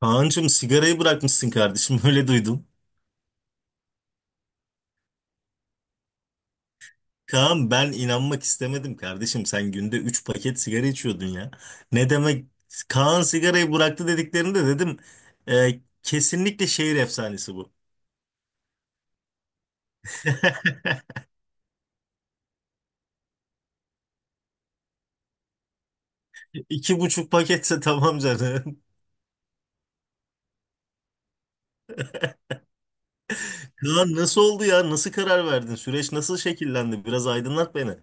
Kaan'cığım sigarayı bırakmışsın kardeşim öyle duydum. Kaan ben inanmak istemedim kardeşim sen günde 3 paket sigara içiyordun ya. Ne demek Kaan sigarayı bıraktı dediklerinde dedim kesinlikle şehir efsanesi bu. İki buçuk paketse tamam canım. Kaan nasıl oldu ya nasıl karar verdin süreç nasıl şekillendi biraz aydınlat beni.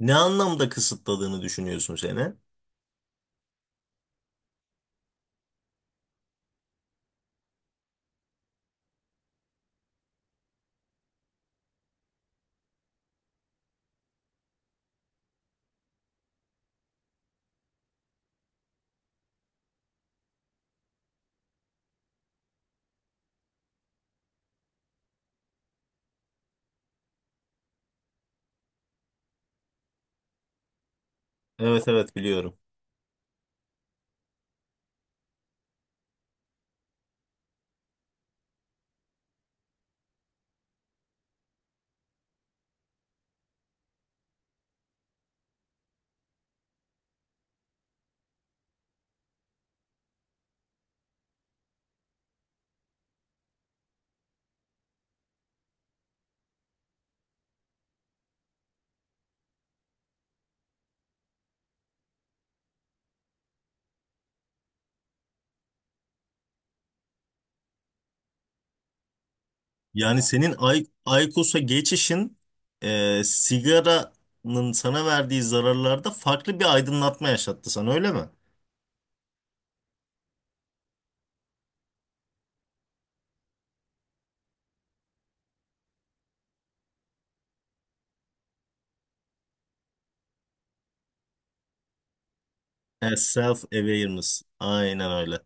Ne anlamda kısıtladığını düşünüyorsun seni? Evet, evet, biliyorum. Yani senin Aykos'a geçişin sigaranın sana verdiği zararlarda farklı bir aydınlatma yaşattı sana öyle mi? Self awareness. Aynen öyle.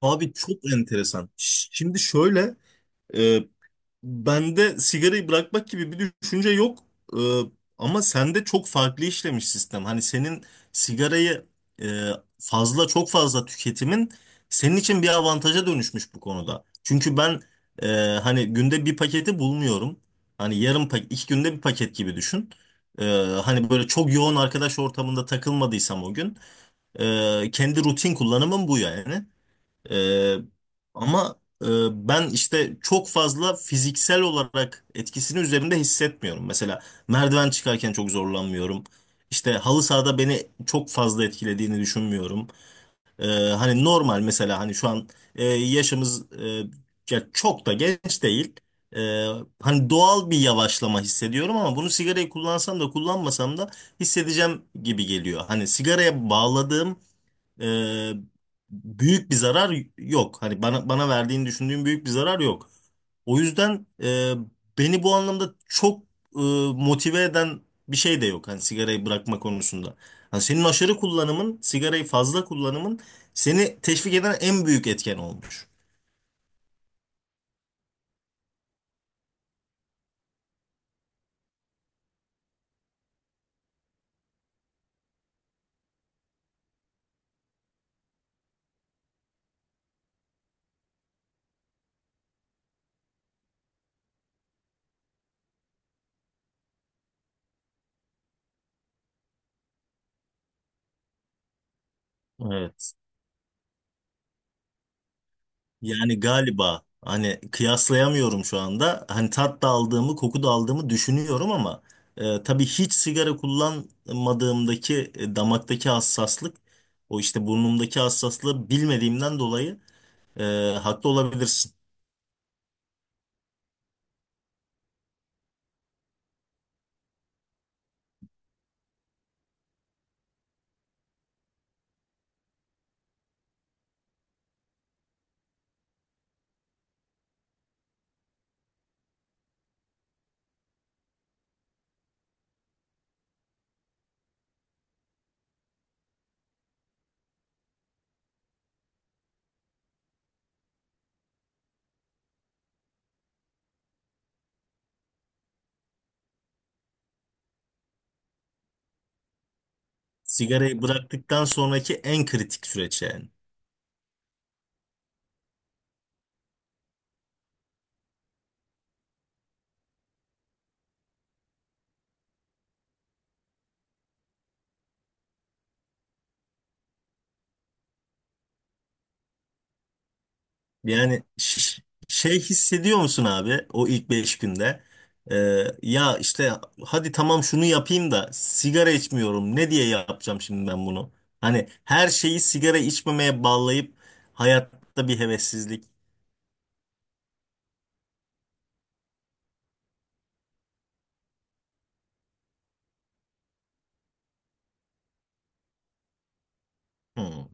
Abi çok enteresan. Şimdi şöyle, e, bende sigarayı bırakmak gibi bir düşünce yok. Ee, ama sende çok farklı işlemiş sistem. Hani senin sigarayı, e, çok fazla tüketimin senin için bir avantaja dönüşmüş bu konuda. Çünkü ben, e, hani günde bir paketi bulmuyorum. Hani yarım paket, iki günde bir paket gibi düşün. Ee, hani böyle çok yoğun arkadaş ortamında takılmadıysam o gün, kendi rutin kullanımım bu yani. Ee, ama e, ben işte çok fazla fiziksel olarak etkisini üzerimde hissetmiyorum. Mesela merdiven çıkarken çok zorlanmıyorum. İşte halı sahada beni çok fazla etkilediğini düşünmüyorum. Ee, hani normal mesela hani şu an, yaşımız ya çok da genç değil. Ee, hani doğal bir yavaşlama hissediyorum ama bunu sigarayı kullansam da kullanmasam da hissedeceğim gibi geliyor. Hani sigaraya bağladığım, e, büyük bir zarar yok. Hani bana verdiğini düşündüğüm büyük bir zarar yok. O yüzden beni bu anlamda çok, e, motive eden bir şey de yok. Hani sigarayı bırakma konusunda. Hani senin aşırı kullanımın, sigarayı fazla kullanımın seni teşvik eden en büyük etken olmuş. Evet. Yani galiba hani kıyaslayamıyorum şu anda. Hani tat da aldığımı, koku da aldığımı düşünüyorum ama, tabii hiç sigara kullanmadığımdaki damaktaki hassaslık, o işte burnumdaki hassaslığı bilmediğimden dolayı, e, haklı olabilirsin. Sigarayı bıraktıktan sonraki en kritik süreç yani. Yani şey hissediyor musun abi o ilk beş günde? Ya işte hadi tamam şunu yapayım da sigara içmiyorum. Ne diye yapacağım şimdi ben bunu? Hani her şeyi sigara içmemeye bağlayıp hayatta bir hevessizlik. Hmm.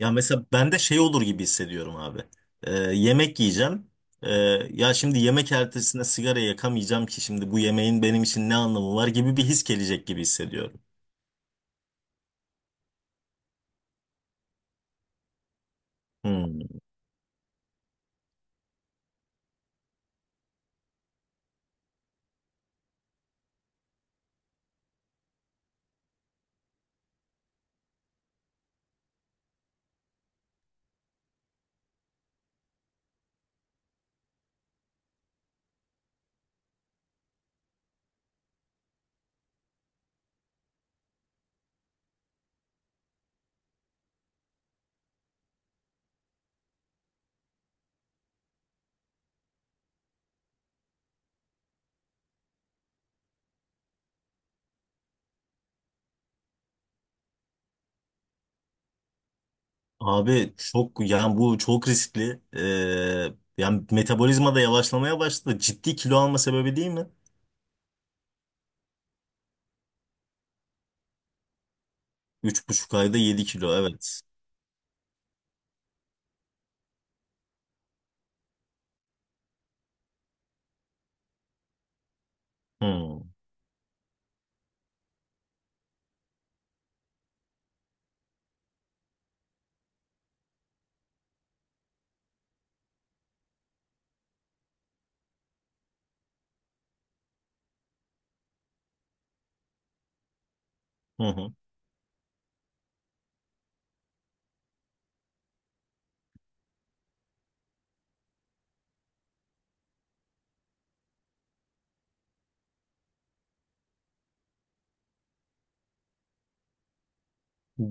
Ya mesela ben de şey olur gibi hissediyorum abi. Yemek yiyeceğim. Ee, ya şimdi yemek ertesinde sigara yakamayacağım ki şimdi bu yemeğin benim için ne anlamı var gibi bir his gelecek gibi hissediyorum. Hmm. Abi çok yani bu çok riskli. Yani metabolizma da yavaşlamaya başladı. Ciddi kilo alma sebebi değil mi? Üç buçuk ayda 7 kilo, evet. Hmm. Hı hı.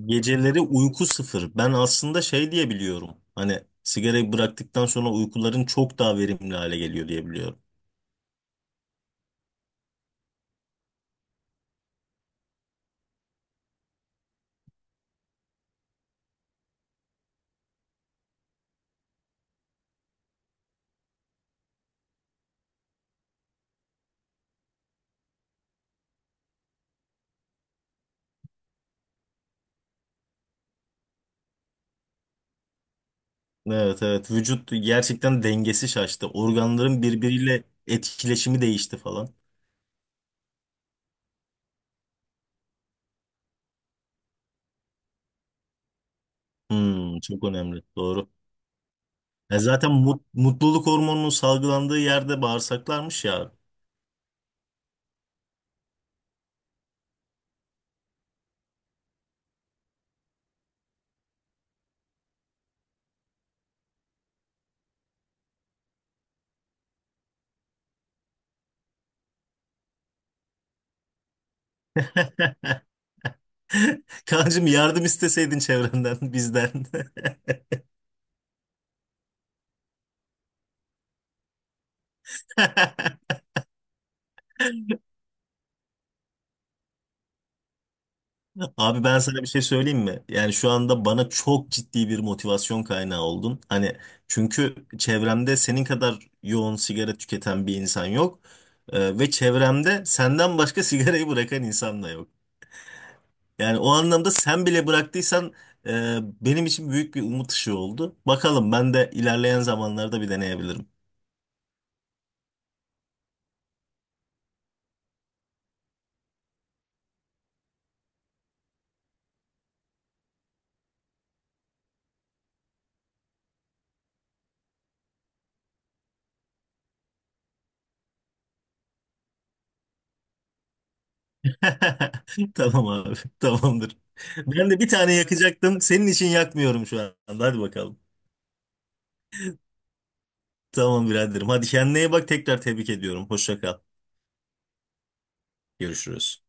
Geceleri uyku sıfır. Ben aslında şey diye biliyorum. Hani sigarayı bıraktıktan sonra uykuların çok daha verimli hale geliyor diye biliyorum. Evet, evet, vücut gerçekten dengesi şaştı. Organların birbiriyle etkileşimi değişti falan. Hmm, çok önemli. Doğru. Ya zaten mutluluk hormonunun salgılandığı yerde bağırsaklarmış ya. Kancım yardım isteseydin çevrenden, bizden. Abi ben sana bir şey söyleyeyim mi? Yani şu anda bana çok ciddi bir motivasyon kaynağı oldun. Hani çünkü çevremde senin kadar yoğun sigara tüketen bir insan yok. Ve çevremde senden başka sigarayı bırakan insan da yok. Yani o anlamda sen bile bıraktıysan, benim için büyük bir umut ışığı oldu. Bakalım ben de ilerleyen zamanlarda bir deneyebilirim. Tamam abi, tamamdır. Ben de bir tane yakacaktım. Senin için yakmıyorum şu anda. Hadi bakalım. Tamam biraderim. Hadi kendine iyi bak. Tekrar tebrik ediyorum. Hoşça kal. Görüşürüz.